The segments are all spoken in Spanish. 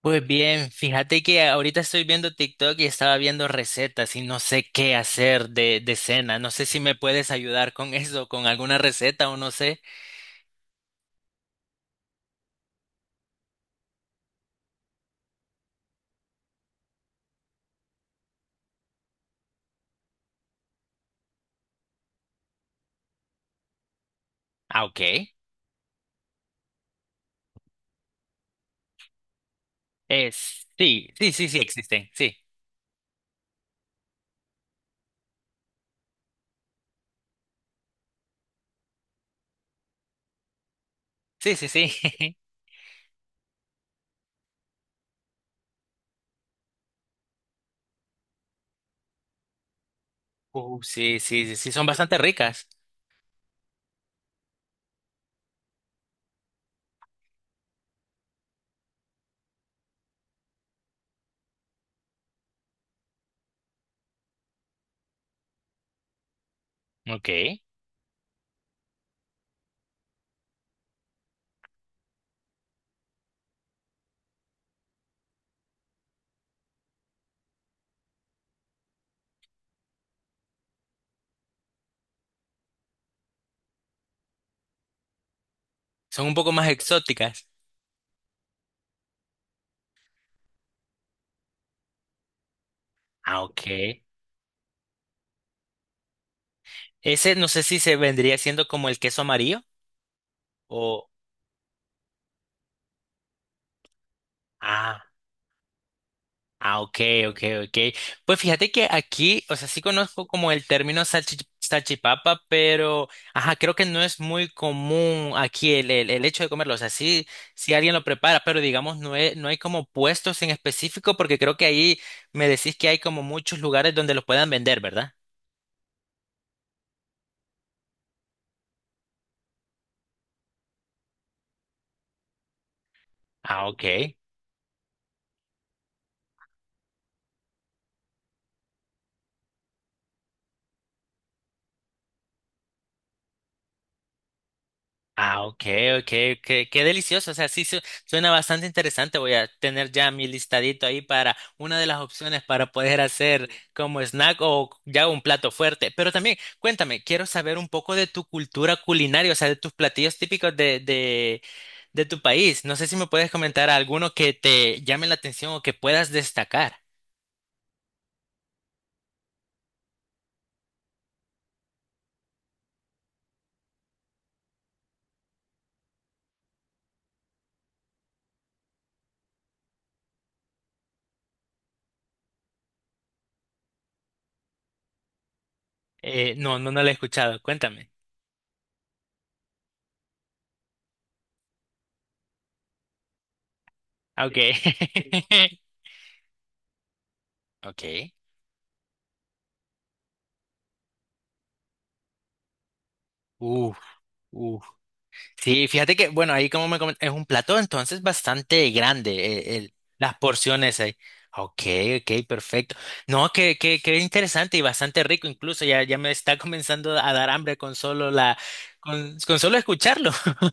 Pues bien, fíjate que ahorita estoy viendo TikTok y estaba viendo recetas y no sé qué hacer de cena. No sé si me puedes ayudar con eso, con alguna receta o no sé. Ah, ok. Es, sí, sí, sí, sí existen. Sí, sí, sí, sí. Sí, sí, sí, sí, son bastante ricas. Ok. Son un poco más exóticas. Ah, ok. Ese no sé si se vendría siendo como el queso amarillo o... Ah. Ah, ok, ok, ok. Pues fíjate que aquí, o sea, sí conozco como el término salchipapa, pero, ajá, creo que no es muy común aquí el hecho de comerlo. O sea, sí, sí alguien lo prepara, pero digamos, no, no hay como puestos en específico, porque creo que ahí me decís que hay como muchos lugares donde los puedan vender, ¿verdad? Ah, ok. Ah, ok, ok, qué delicioso. O sea, sí suena bastante interesante. Voy a tener ya mi listadito ahí para una de las opciones para poder hacer como snack o ya un plato fuerte. Pero también, cuéntame, quiero saber un poco de tu cultura culinaria, o sea, de tus platillos típicos de tu país. No sé si me puedes comentar alguno que te llame la atención o que puedas destacar. No, no, no lo he escuchado. Cuéntame. Ah, ok. Ok. Uf, uf. Sí, fíjate que, bueno, ahí como es un plato entonces bastante grande, las porciones ahí. Ok, ok, perfecto. No, que interesante y bastante rico incluso, ya, ya me está comenzando a dar hambre con solo con solo escucharlo.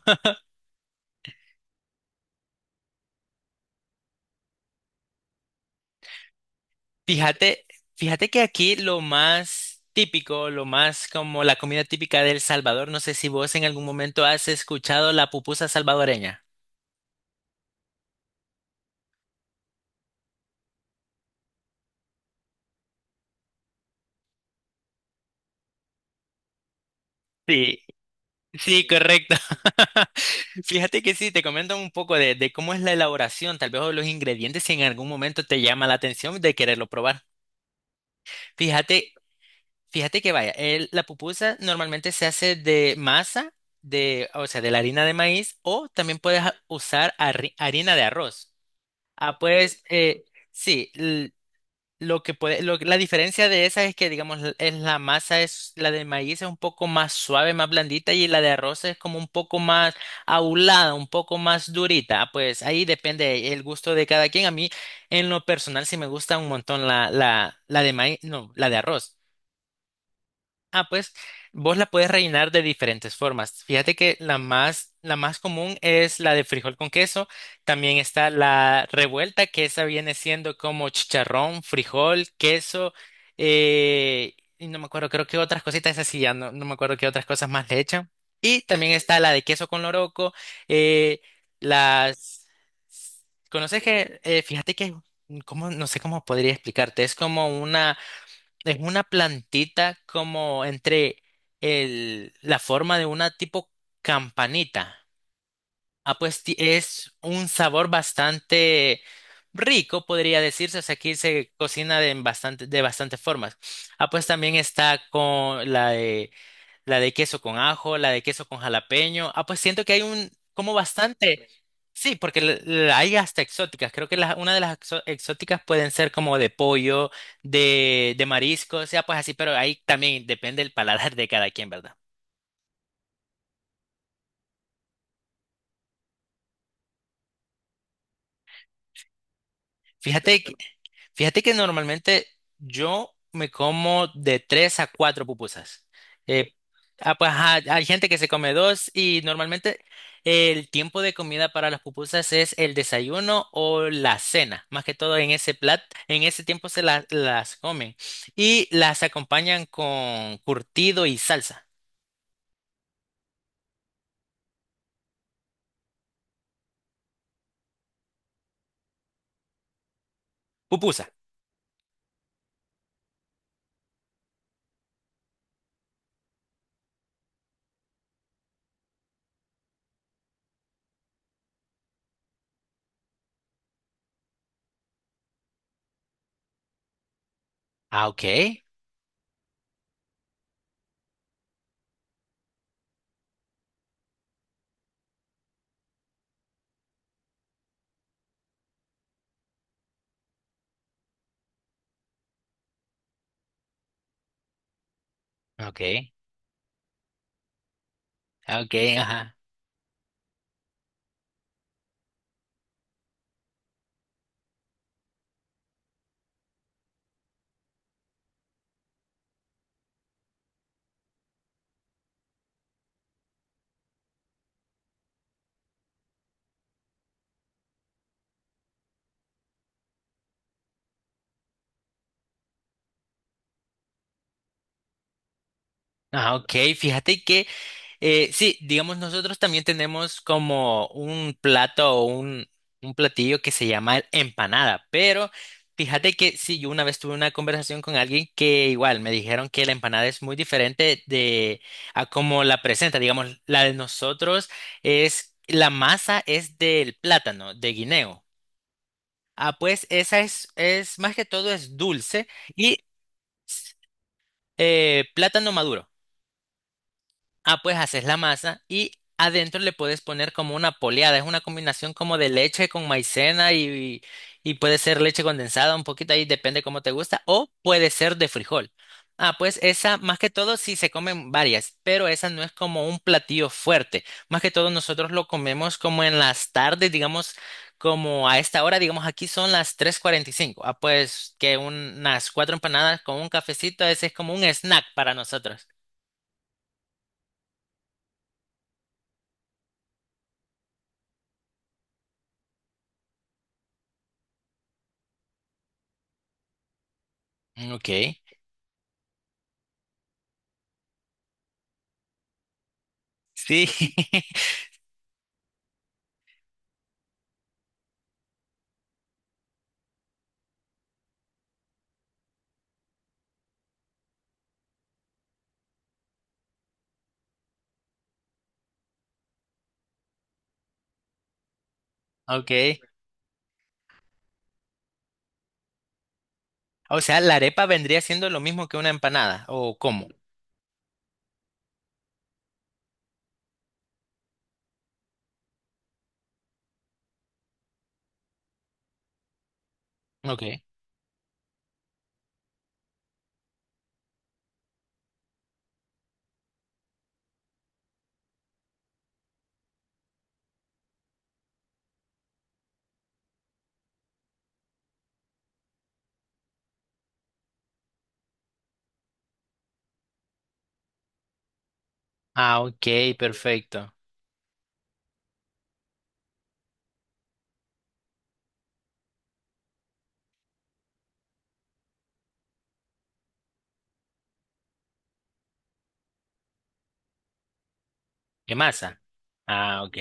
Fíjate, fíjate que aquí lo más típico, lo más como la comida típica de El Salvador, no sé si vos en algún momento has escuchado la pupusa salvadoreña. Sí. Sí, correcto. Fíjate que sí, te comento un poco de cómo es la elaboración, tal vez o los ingredientes, si en algún momento te llama la atención de quererlo probar. Fíjate, fíjate que vaya, la pupusa normalmente se hace de masa, de, o sea, de la harina de maíz, o también puedes usar harina de arroz. Ah, pues, sí, lo que puede, lo, la diferencia de esa es que, digamos, es la masa es, la de maíz es un poco más suave, más blandita, y la de arroz es como un poco más aulada, un poco más durita. Pues ahí depende el gusto de cada quien. A mí, en lo personal, sí me gusta un montón la de maíz, no, la de arroz. Ah, pues vos la puedes rellenar de diferentes formas. Fíjate que la más común es la de frijol con queso. También está la revuelta, que esa viene siendo como chicharrón, frijol, queso, y no me acuerdo, creo que otras cositas, esas sí ya no me acuerdo qué otras cosas más le echan. Y también está la de queso con loroco, eh, las... ¿Conoces que, fíjate que, mm, ¿cómo? No sé cómo podría explicarte, es como una... Es una plantita como entre la forma de una tipo campanita. Ah, pues es un sabor bastante rico, podría decirse. O sea, aquí se cocina de bastantes formas. Ah, pues también está con la de queso con ajo, la de queso con jalapeño. Ah, pues siento que hay un, como bastante. Sí, porque hay hasta exóticas. Creo que una de las exóticas pueden ser como de pollo, de marisco, o sea, pues así, pero ahí también depende el paladar de cada quien, ¿verdad? Fíjate Fíjate que normalmente yo me como de tres a cuatro pupusas. Eh, ah, pues, ajá, hay gente que se come dos y normalmente el tiempo de comida para las pupusas es el desayuno o la cena. Más que todo en ese plat, en ese tiempo las comen y las acompañan con curtido y salsa. Pupusa. Ah, ok. Ok. Ok, ajá. Ah, ok. Fíjate que eh, sí, digamos, nosotros también tenemos como un plato o un platillo que se llama el empanada, pero fíjate que sí, yo una vez tuve una conversación con alguien que igual me dijeron que la empanada es muy diferente de a cómo la presenta, digamos, la de nosotros es, la masa es del plátano, de guineo. Ah, pues esa es más que todo es dulce y plátano maduro. Ah, pues haces la masa y adentro le puedes poner como una poleada. Es una combinación como de leche con maicena y puede ser leche condensada, un poquito ahí, depende cómo te gusta, o puede ser de frijol. Ah, pues esa, más que todo, sí se comen varias, pero esa no es como un platillo fuerte. Más que todo, nosotros lo comemos como en las tardes, digamos, como a esta hora, digamos, aquí son las 3:45. Ah, pues que unas cuatro empanadas con un cafecito, ese es como un snack para nosotros. Ok. Sí, ok. O sea, la arepa vendría siendo lo mismo que una empanada, ¿o cómo? Ok. Ah, ok, perfecto. ¿Qué masa? Ah, ok.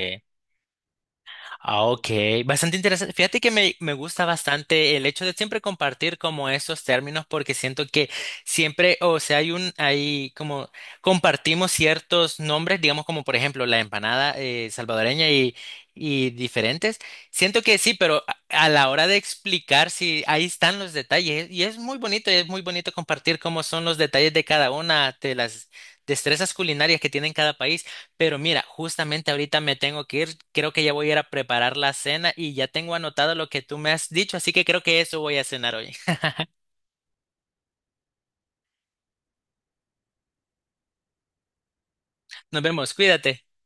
Ah, ok, bastante interesante. Fíjate que me gusta bastante el hecho de siempre compartir como esos términos porque siento que siempre, o sea, hay un, hay como compartimos ciertos nombres, digamos como por ejemplo la empanada salvadoreña y diferentes. Siento que sí, pero a la hora de explicar, sí, ahí están los detalles y es muy bonito compartir cómo son los detalles de cada una de las destrezas culinarias que tienen cada país. Pero mira, justamente ahorita me tengo que ir, creo que ya voy a ir a preparar la cena y ya tengo anotado lo que tú me has dicho, así que creo que eso voy a cenar hoy. Nos vemos, cuídate.